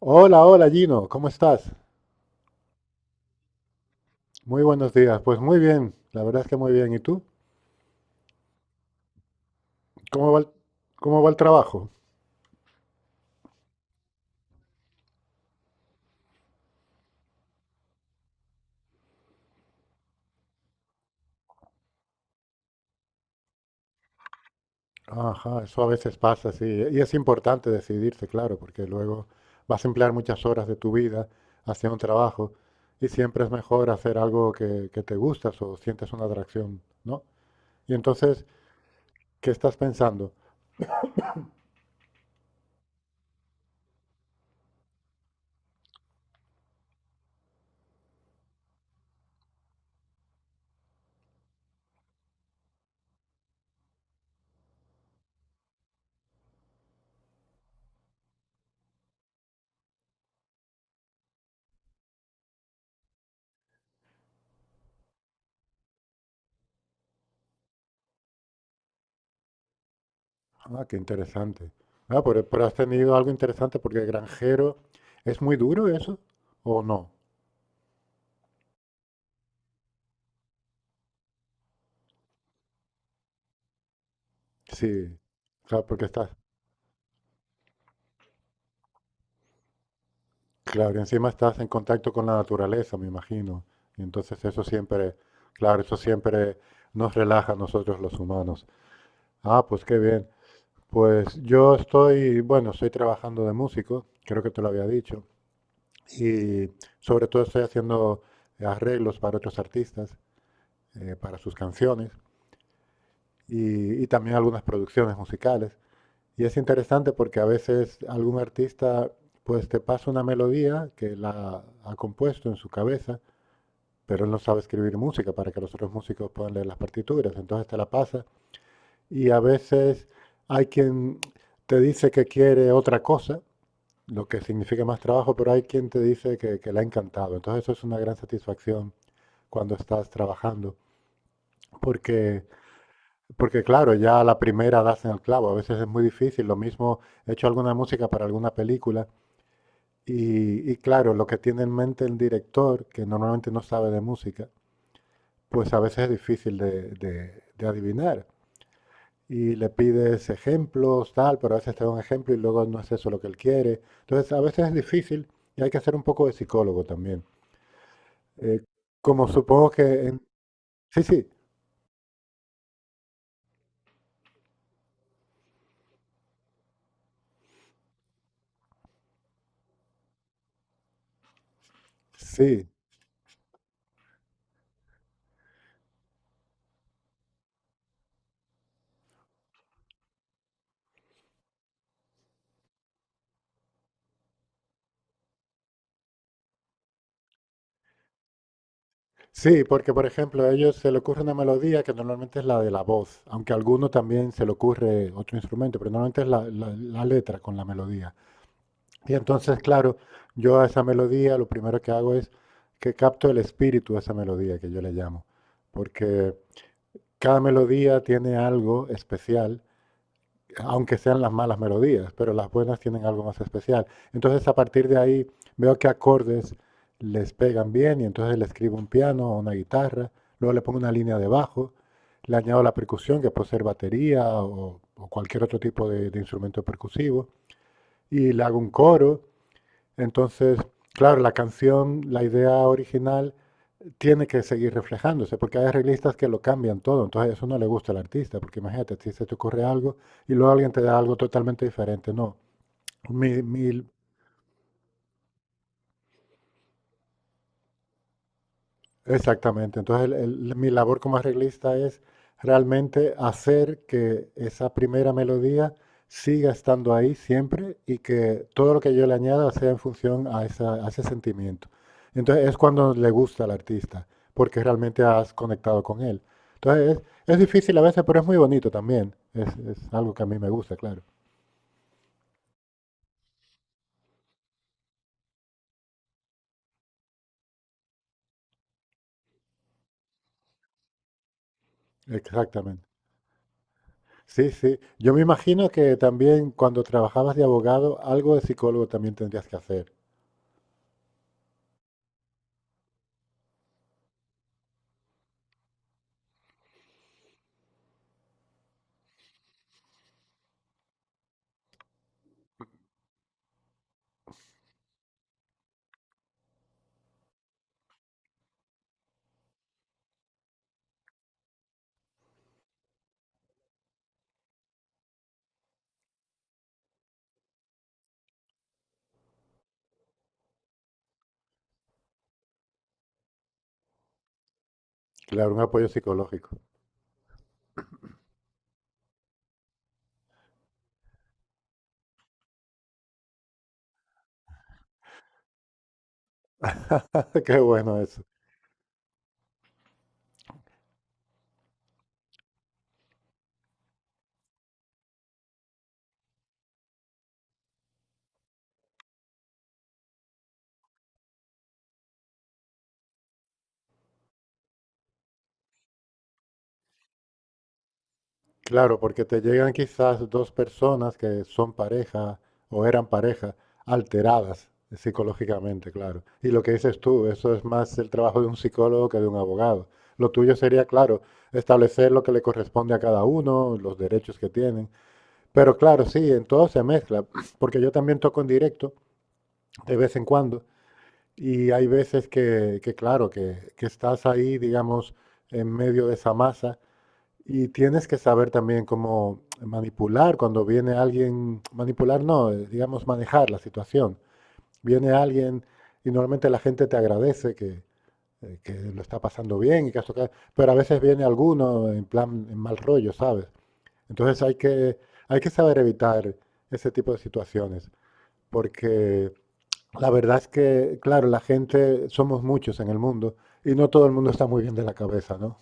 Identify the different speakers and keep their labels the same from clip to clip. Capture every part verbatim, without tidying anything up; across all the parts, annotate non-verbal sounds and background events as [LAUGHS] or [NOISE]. Speaker 1: Hola, hola Gino, ¿cómo estás? Muy buenos días. Pues muy bien, la verdad es que muy bien. ¿Y tú? ¿Cómo va el, ¿Cómo va el trabajo? Ajá, eso a veces pasa, sí. Y es importante decidirse, claro, porque luego vas a emplear muchas horas de tu vida hacia un trabajo y siempre es mejor hacer algo que, que te gustas o sientes una atracción, ¿no? Y entonces, ¿qué estás pensando? Ah, qué interesante. Ah, pero, pero has tenido algo interesante porque granjero, ¿es muy duro eso o no? Sí, claro, porque estás, claro, y encima estás en contacto con la naturaleza, me imagino. Y entonces eso siempre, claro, eso siempre nos relaja a nosotros los humanos. Ah, pues qué bien. Pues yo estoy, bueno, estoy trabajando de músico, creo que te lo había dicho, y sobre todo estoy haciendo arreglos para otros artistas, eh, para sus canciones y, y también algunas producciones musicales. Y es interesante porque a veces algún artista pues te pasa una melodía que la ha compuesto en su cabeza, pero él no sabe escribir música para que los otros músicos puedan leer las partituras, entonces te la pasa. Y a veces hay quien te dice que quiere otra cosa, lo que significa más trabajo, pero hay quien te dice que, que le ha encantado. Entonces eso es una gran satisfacción cuando estás trabajando. Porque, porque claro, ya a la primera das en el clavo, a veces es muy difícil. Lo mismo, he hecho alguna música para alguna película. Y, y claro, lo que tiene en mente el director, que normalmente no sabe de música, pues a veces es difícil de, de- de adivinar. Y le pides ejemplos, tal, pero a veces te da un ejemplo y luego no es eso lo que él quiere. Entonces, a veces es difícil y hay que hacer un poco de psicólogo también. Eh, como supongo que... en- Sí, sí, sí, sí, porque por ejemplo a ellos se le ocurre una melodía que normalmente es la de la voz, aunque a alguno también se le ocurre otro instrumento, pero normalmente es la la- la letra con la melodía. Y entonces, claro, yo a esa melodía lo primero que hago es que capto el espíritu de esa melodía, que yo le llamo, porque cada melodía tiene algo especial, aunque sean las malas melodías, pero las buenas tienen algo más especial. Entonces, a partir de ahí, veo qué acordes les pegan bien y entonces le escribo un piano o una guitarra, luego le pongo una línea de bajo, le añado la percusión, que puede ser batería o, o cualquier otro tipo de, de instrumento percusivo, y le hago un coro. Entonces, claro, la canción, la idea original tiene que seguir reflejándose, porque hay arreglistas que lo cambian todo, entonces eso no le gusta al artista, porque imagínate, si se te ocurre algo y luego alguien te da algo totalmente diferente, no. Mi, mi Exactamente. Entonces, el- el- mi labor como arreglista es realmente hacer que esa primera melodía siga estando ahí siempre y que todo lo que yo le añada sea en función a, esa- a ese sentimiento. Entonces, es cuando le gusta al artista, porque realmente has conectado con él. Entonces, es, es difícil a veces, pero es muy bonito también. Es, es algo que a mí me gusta, claro. Exactamente. Sí, sí. Yo me imagino que también cuando trabajabas de abogado, algo de psicólogo también tendrías que hacer. Claro, un apoyo psicológico. [LAUGHS] Qué bueno eso. Claro, porque te llegan quizás dos personas que son pareja o eran pareja, alteradas psicológicamente, claro. Y lo que dices tú, eso es más el trabajo de un psicólogo que de un abogado. Lo tuyo sería, claro, establecer lo que le corresponde a cada uno, los derechos que tienen. Pero claro, sí, en todo se mezcla, [CLEARS THROAT] porque yo también toco en directo de vez en cuando y hay veces que, que claro, que, que estás ahí, digamos, en medio de esa masa. Y tienes que saber también cómo manipular cuando viene alguien, manipular no, eh, digamos manejar la situación. Viene alguien y normalmente la gente te agradece que, eh, que lo está pasando bien y que has tocado, pero a veces viene alguno en plan en mal rollo, ¿sabes? Entonces hay que, hay que saber evitar ese tipo de situaciones, porque la verdad es que, claro, la gente, somos muchos en el mundo y no todo el mundo está muy bien de la cabeza, ¿no?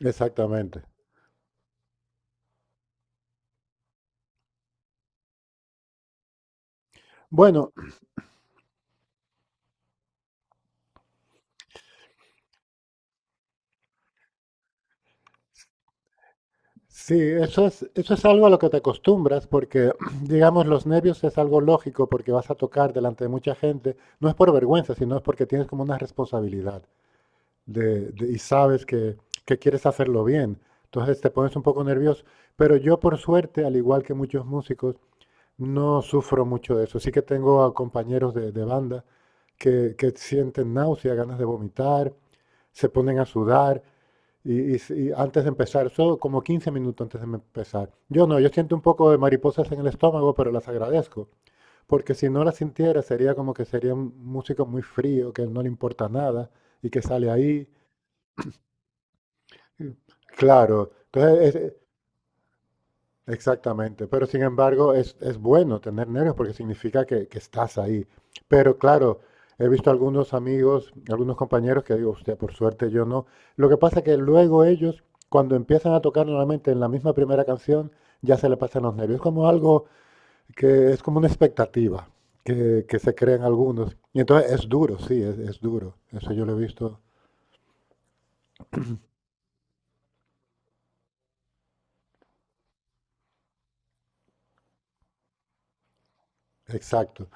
Speaker 1: Exactamente. Bueno, sí, eso es, eso es algo a lo que te acostumbras, porque, [CLEARS THROAT] digamos, los nervios es algo lógico porque vas a tocar delante de mucha gente. No es por vergüenza, sino es porque tienes como una responsabilidad de, de- y sabes que, que quieres hacerlo bien. Entonces te pones un poco nervioso. Pero yo, por suerte, al igual que muchos músicos, no sufro mucho de eso. Sí que tengo a compañeros de, de banda que, que sienten náusea, ganas de vomitar, se ponen a sudar. Y, y si- antes de empezar, eso como quince minutos antes de empezar. Yo no, yo siento un poco de mariposas en el estómago, pero las agradezco. Porque si no las sintiera, sería como que sería un músico muy frío, que no le importa nada y que sale ahí. Claro. Entonces, es- Exactamente, pero sin embargo es, es bueno tener nervios porque significa que, que estás ahí. Pero claro, he visto algunos amigos, algunos compañeros que digo, usted, por suerte yo no. Lo que pasa es que luego ellos, cuando empiezan a tocar nuevamente en la misma primera canción, ya se le pasan los nervios. Es como algo que es como una expectativa que, que se crean algunos. Y entonces es duro, sí, es, es duro. Eso yo lo he visto. Exacto.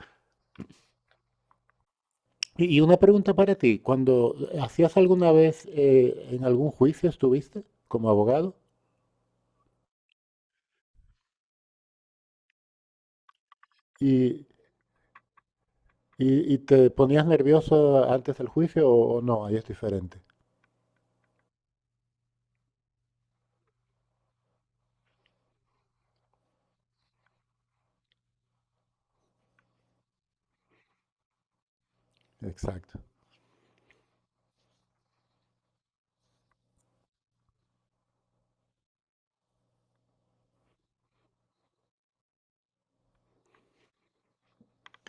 Speaker 1: Y y una pregunta para ti, cuando hacías alguna vez eh, en algún juicio estuviste como abogado y, y- y te ponías nervioso antes del juicio o, o no, ahí es diferente. Exacto.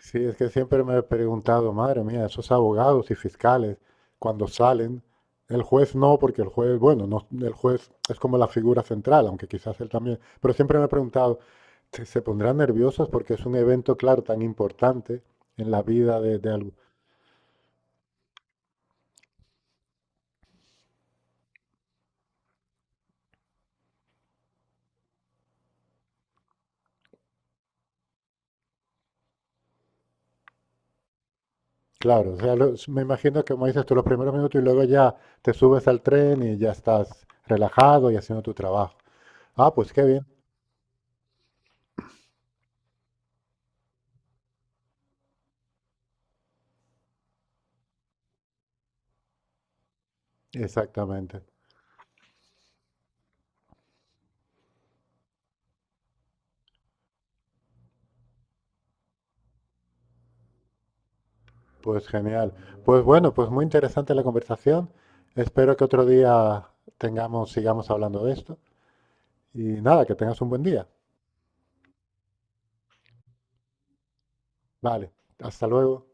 Speaker 1: Sí, es que siempre me he preguntado, madre mía, esos abogados y fiscales, cuando salen, el juez no, porque el juez, bueno, no, el juez es como la figura central, aunque quizás él también, pero siempre me he preguntado, ¿se se pondrán nerviosos porque es un evento, claro, tan importante en la vida de, de algo? Claro, o sea, los, me imagino que como dices tú, los primeros minutos y luego ya te subes al tren y ya estás relajado y haciendo tu trabajo. Ah, pues qué bien, exactamente. Pues genial. Pues bueno, pues muy interesante la conversación. Espero que otro día tengamos, sigamos hablando de esto. Y nada, que tengas un buen día. Vale, hasta luego.